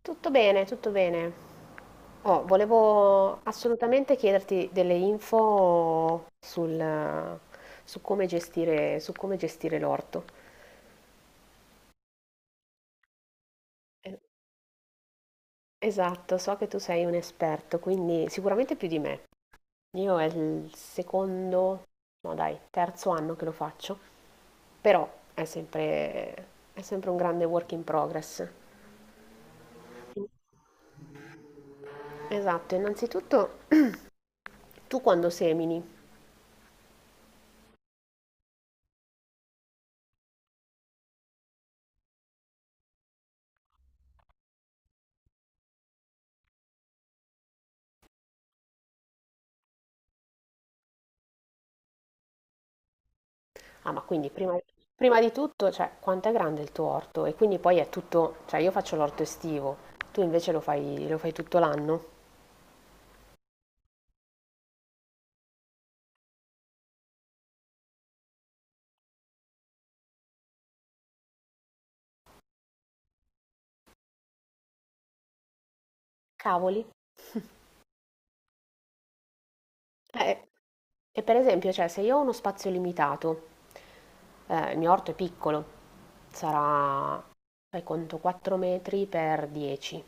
Tutto bene, tutto bene. Oh, volevo assolutamente chiederti delle info sul, su come gestire l'orto. Eh, Esatto, so che tu sei un esperto, quindi sicuramente più di me. Io è il secondo, no dai, terzo anno che lo faccio, però è sempre, è sempre un grande work in progress. Esatto, innanzitutto tu quando semini? Ah, ma quindi prima, prima di tutto, cioè, quanto è grande il tuo orto? E quindi poi è tutto, cioè io faccio l'orto estivo, tu invece lo fai tutto l'anno? Cavoli. Eh, e per esempio, cioè, se io ho uno spazio limitato, il mio orto è piccolo, sarà, fai conto, 4 metri per 10.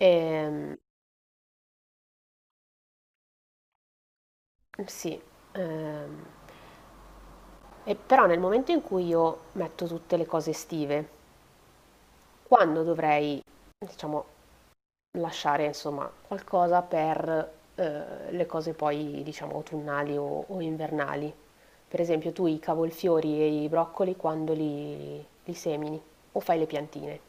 Ehm, sì, ehm, e però nel momento in cui io metto tutte le cose estive, quando dovrei, diciamo, lasciare insomma qualcosa per, le cose poi diciamo autunnali o invernali. Per esempio tu i cavolfiori e i broccoli quando li semini o fai le piantine.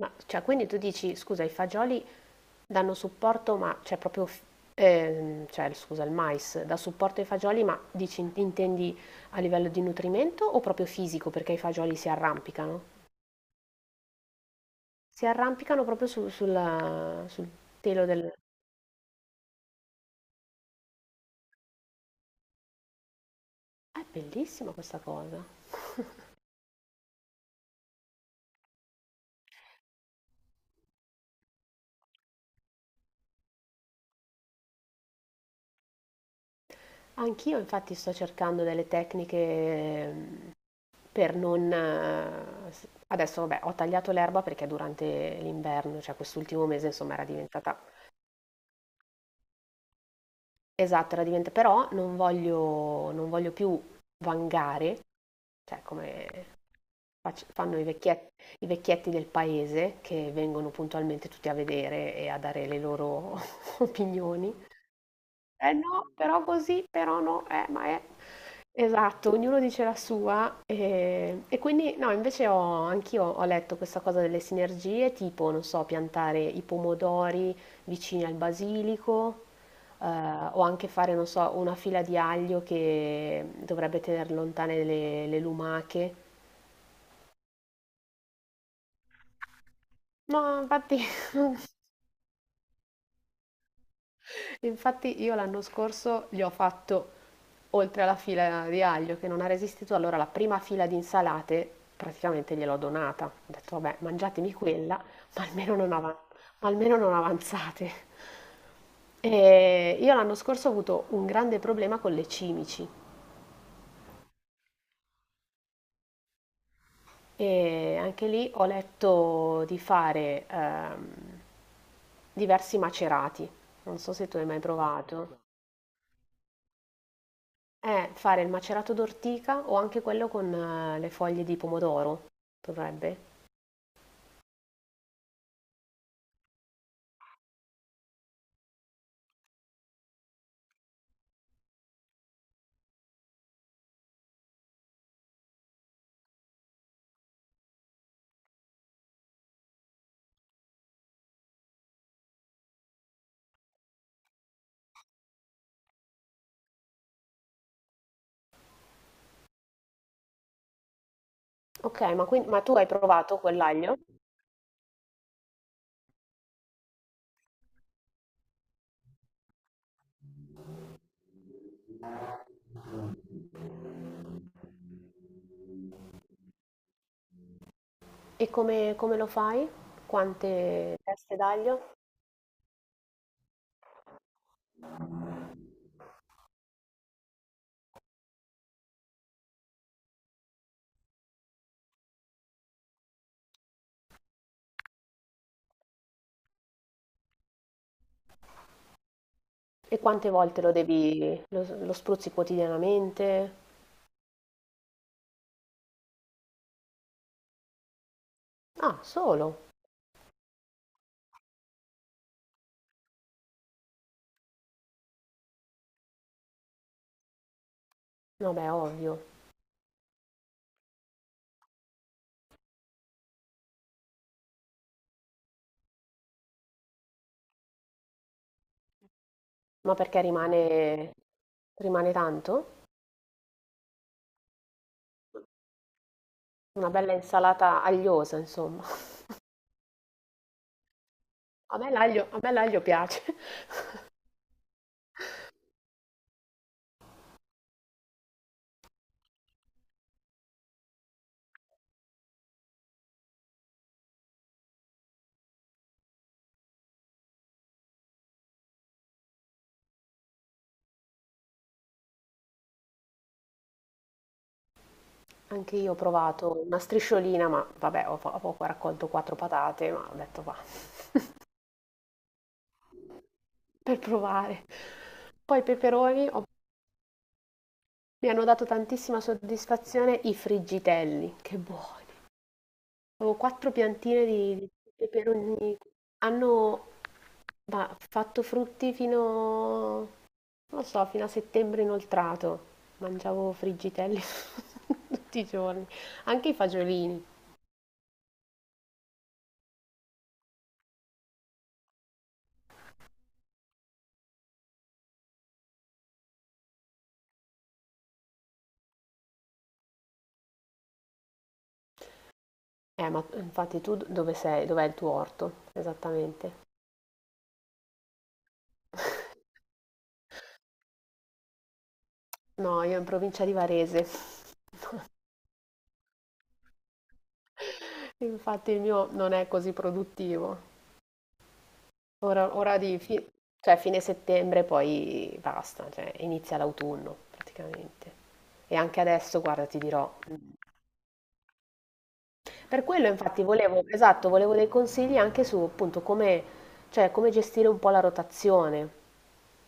Ma cioè quindi tu dici: "Scusa i fagioli danno supporto ma c'è cioè proprio f" cioè scusa il mais dà supporto ai fagioli, ma dici in intendi a livello di nutrimento o proprio fisico perché i fagioli si arrampicano? Si arrampicano proprio su sulla sul pelo del. È bellissima questa cosa. Anch'io infatti sto cercando delle tecniche, per non. Adesso vabbè, ho tagliato l'erba perché durante l'inverno, cioè quest'ultimo mese, insomma, era diventata. Esatto, era diventata. Però non voglio più vangare, cioè come fanno i vecchietti del paese che vengono puntualmente tutti a vedere e a dare le loro opinioni. Eh no, però così, però no, ma è. Esatto, ognuno dice la sua e quindi no, anch'io ho letto questa cosa delle sinergie, tipo, non so, piantare i pomodori vicini al basilico, o anche fare, non so, una fila di aglio che dovrebbe tenere lontane le lumache. No, infatti. Infatti io l'anno scorso gli ho fatto, oltre alla fila di aglio che non ha resistito, allora la prima fila di insalate praticamente gliel'ho donata. Ho detto, vabbè, mangiatemi quella, ma almeno non, ava- ma almeno non avanzate. E io l'anno scorso ho avuto un grande problema con le cimici e anche lì ho letto di fare, diversi macerati. Non so se tu hai mai provato. Fare il macerato d'ortica o anche quello con, le foglie di pomodoro, dovrebbe. Ok, ma tu hai provato quell'aglio? E come lo fai? Quante teste d'aglio? E quante volte lo spruzzi quotidianamente? Ah, solo? Vabbè, ovvio. Ma perché rimane tanto? Una bella insalata agliosa, insomma. A me l'aglio piace. Anche io ho provato una strisciolina, ma vabbè, ho poco raccolto quattro patate, ma ho detto va, per provare. Poi i peperoni mi hanno dato tantissima soddisfazione i friggitelli, che buoni. Avevo quattro piantine di peperoni, hanno ma, fatto frutti fino, non lo so, fino a settembre inoltrato. Mangiavo friggitelli tutti i giorni, anche i fagiolini. Ma infatti tu dove sei? Dov'è il tuo orto? Esattamente. No, io in provincia di Varese. Infatti il mio non è così produttivo. Ora di cioè fine settembre poi basta, cioè inizia l'autunno praticamente. E anche adesso, guarda, ti dirò. Per quello infatti volevo, esatto, volevo dei consigli anche su appunto come, cioè, come gestire un po' la rotazione.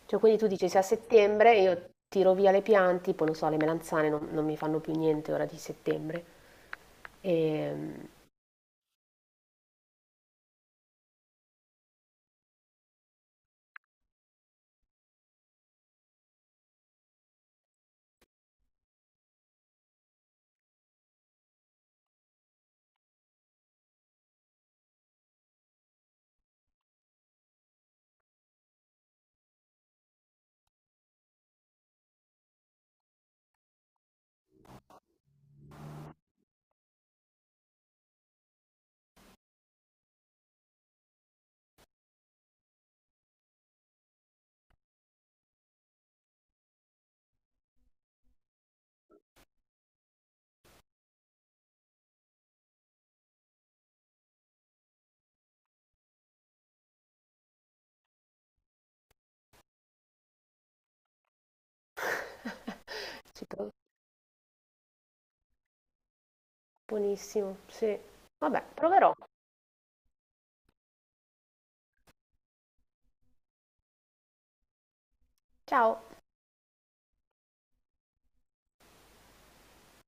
Cioè, quindi tu dici se a settembre io tiro via le piante, tipo, non so, le melanzane non mi fanno più niente ora di settembre. E, Buonissimo, sì. Vabbè, proverò. Ciao.